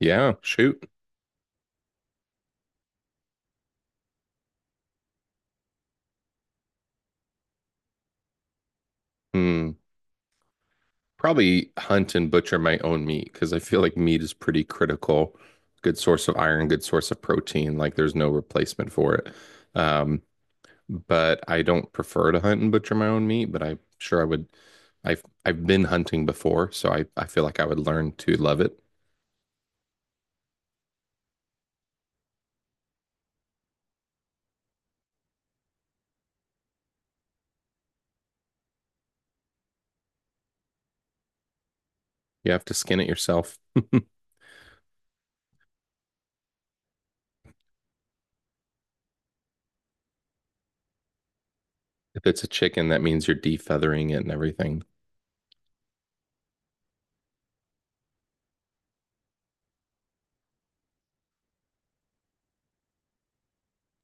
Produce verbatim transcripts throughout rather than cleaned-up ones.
Yeah, shoot. Hmm. Probably hunt and butcher my own meat because I feel like meat is pretty critical. Good source of iron, good source of protein. Like there's no replacement for it. Um, but I don't prefer to hunt and butcher my own meat, but I'm sure I would. I've I've been hunting before, so I, I feel like I would learn to love it. You have to skin it yourself. If it's a chicken, that means you're defeathering it and everything.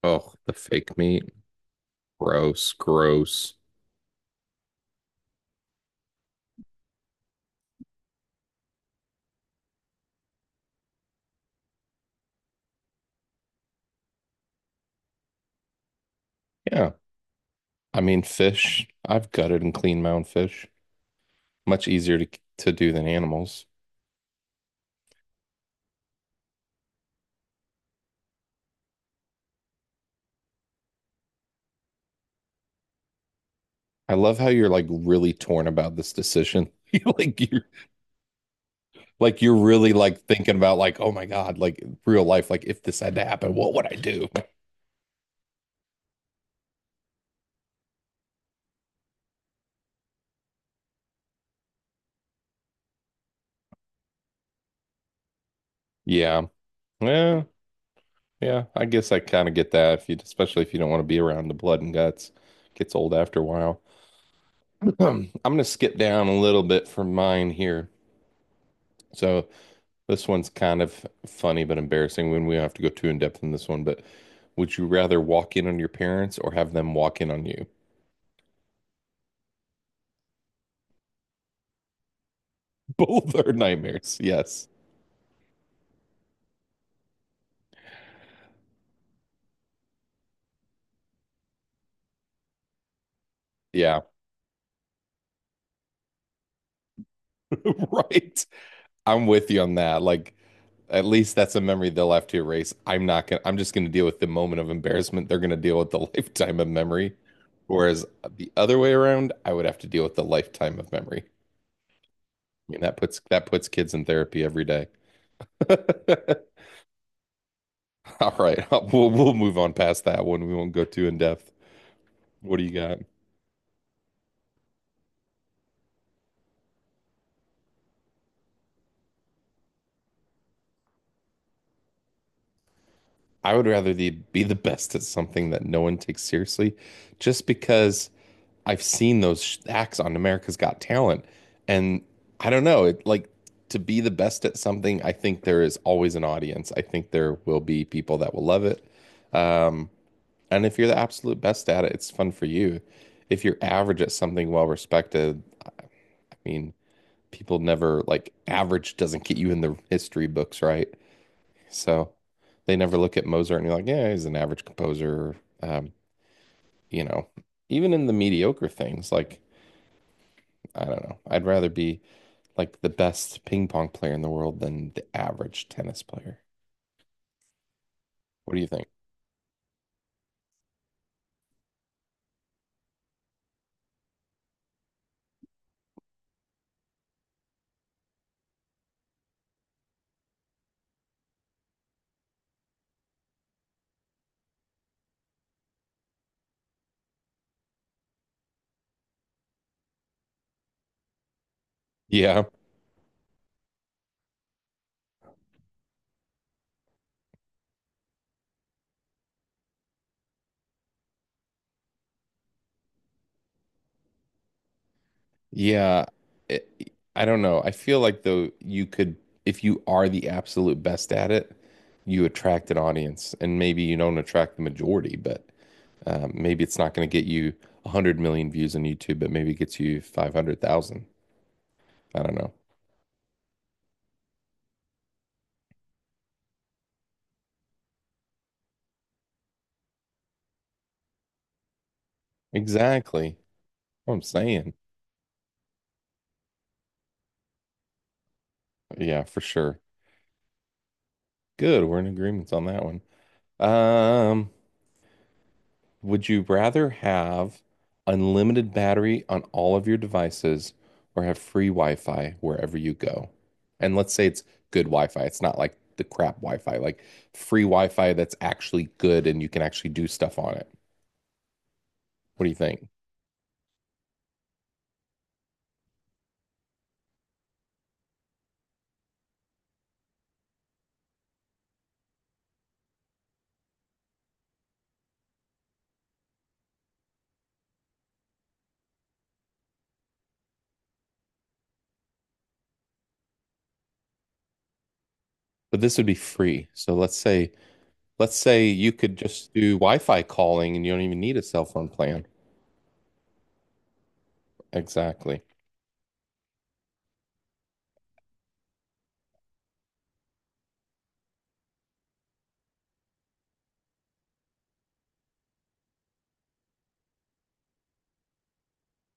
Oh, the fake meat. Gross, gross. Yeah. I mean, fish. I've gutted and cleaned my own fish. Much easier to to do than animals. I love how you're like really torn about this decision. You like you're like you're really like thinking about like, oh my God, like real life, like if this had to happen, what would I do? Yeah, yeah, yeah. I guess I kind of get that if you especially if you don't want to be around the blood and guts. Gets old after a while. I'm gonna skip down a little bit from mine here. So this one's kind of funny but embarrassing when we don't have to go too in depth in this one, but would you rather walk in on your parents or have them walk in on you? Both are nightmares. Yes. Yeah. Right. I'm with you on that. Like, at least that's a memory they'll have to erase. I'm not gonna, I'm just gonna deal with the moment of embarrassment. They're gonna deal with the lifetime of memory. Whereas the other way around, I would have to deal with the lifetime of memory. I mean, that puts that puts kids in therapy every day. All right, we'll we'll move on past that one. We won't go too in depth. What do you got? I would rather the, be the best at something that no one takes seriously, just because I've seen those acts on America's Got Talent, and I don't know. It like to be the best at something. I think there is always an audience. I think there will be people that will love it. Um, and if you're the absolute best at it, it's fun for you. If you're average at something, well respected. I mean, people never like average doesn't get you in the history books, right? So they never look at Mozart and you're like, yeah, he's an average composer. Um, you know, even in the mediocre things, like I don't know, I'd rather be like the best ping pong player in the world than the average tennis player. What do you think? Yeah, yeah. It, I don't know. I feel like though you could, if you are the absolute best at it, you attract an audience, and maybe you don't attract the majority, but. Um, maybe it's not going to get you one hundred million views on YouTube, but maybe it gets you five hundred thousand. I don't know. Exactly. What I'm saying. Yeah, for sure. Good. We're in agreements on that one. Um, would you rather have unlimited battery on all of your devices or have free Wi-Fi wherever you go? And let's say it's good Wi-Fi. It's not like the crap Wi-Fi, like free Wi-Fi that's actually good and you can actually do stuff on it. What do you think? But this would be free. So let's say Let's say you could just do Wi-Fi calling and you don't even need a cell phone plan. Exactly.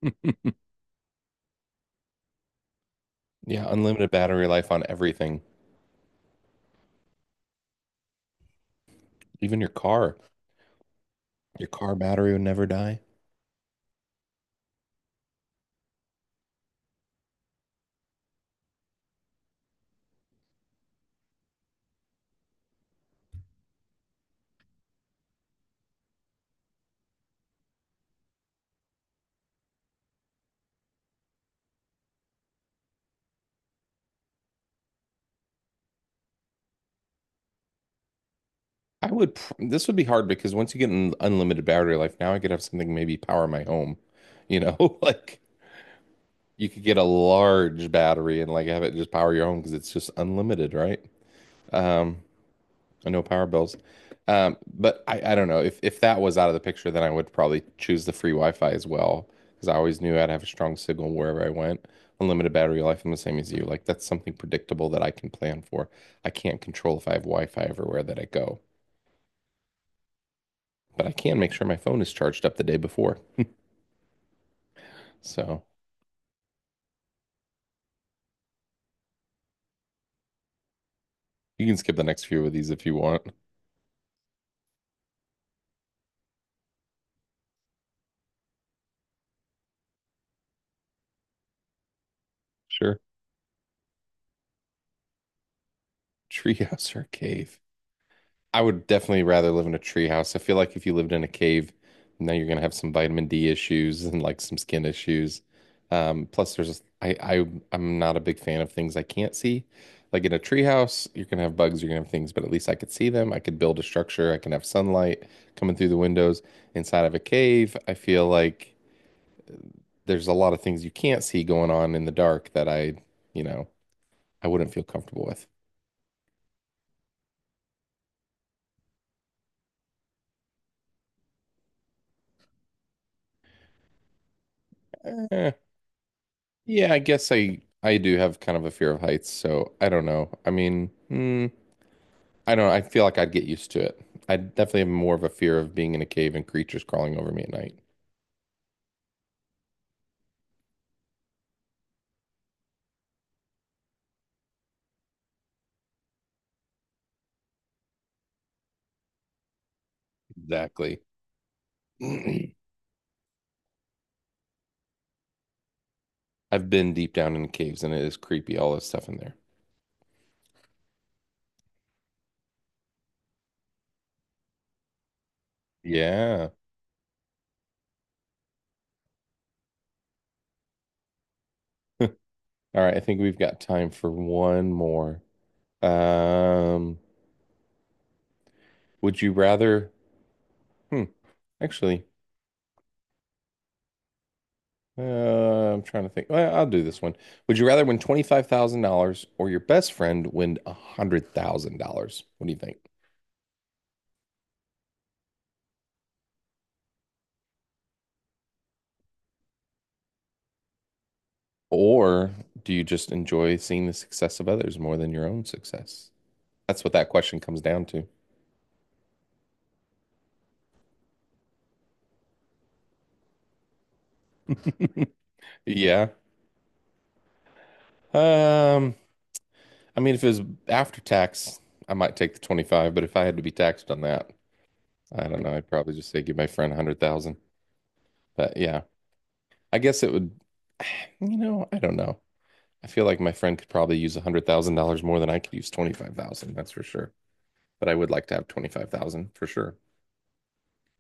Yeah, unlimited battery life on everything, even your car. Your car battery would never die. I would, pr- this would be hard because once you get an unlimited battery life, now I could have something maybe power my home. You know, like you could get a large battery and like have it just power your home because it's just unlimited, right? Um, I know power bills. Um, but I, I don't know if if that was out of the picture, then I would probably choose the free Wi-Fi as well because I always knew I'd have a strong signal wherever I went. Unlimited battery life, I'm the same as you. Like that's something predictable that I can plan for. I can't control if I have Wi-Fi everywhere that I go, but I can make sure my phone is charged up the day before. So you can skip the next few of these if you want. Sure. Treehouse or cave? I would definitely rather live in a tree house. I feel like if you lived in a cave, now you're gonna have some vitamin D issues and like some skin issues. Um, plus, there's I, I I'm not a big fan of things I can't see. Like in a tree house, you're gonna have bugs, you're gonna have things, but at least I could see them. I could build a structure. I can have sunlight coming through the windows. Inside of a cave, I feel like there's a lot of things you can't see going on in the dark that I, you know, I wouldn't feel comfortable with. Eh, yeah, I guess I I do have kind of a fear of heights, so I don't know. I mean, mm, I don't know. I feel like I'd get used to it. I definitely have more of a fear of being in a cave and creatures crawling over me at night. Exactly. I've been deep down in caves and it is creepy, all this stuff in there. Yeah. All right, I think we've got time for one more. Um, would you rather? Hmm, actually. Uh, I'm trying to think. Well, I'll do this one. Would you rather win twenty-five thousand dollars or your best friend win one hundred thousand dollars? What do you think? Or do you just enjoy seeing the success of others more than your own success? That's what that question comes down to. Yeah. Um, I mean, if it was after tax, I might take the twenty-five, but if I had to be taxed on that, I don't know. I'd probably just say give my friend one hundred thousand. But yeah, I guess it would, you know, I don't know. I feel like my friend could probably use a hundred thousand dollars more than I could use twenty five thousand. Dollars, that's for sure. But I would like to have twenty five thousand dollars for sure.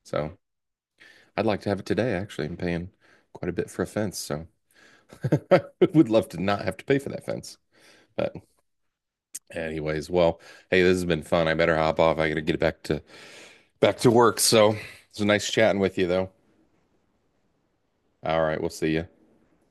So I'd like to have it today. Actually, I'm paying quite a bit for a fence, so I would love to not have to pay for that fence. But anyways, well, hey, this has been fun. I better hop off. I gotta get back to back to work. So it's nice chatting with you, though. All right, we'll see you.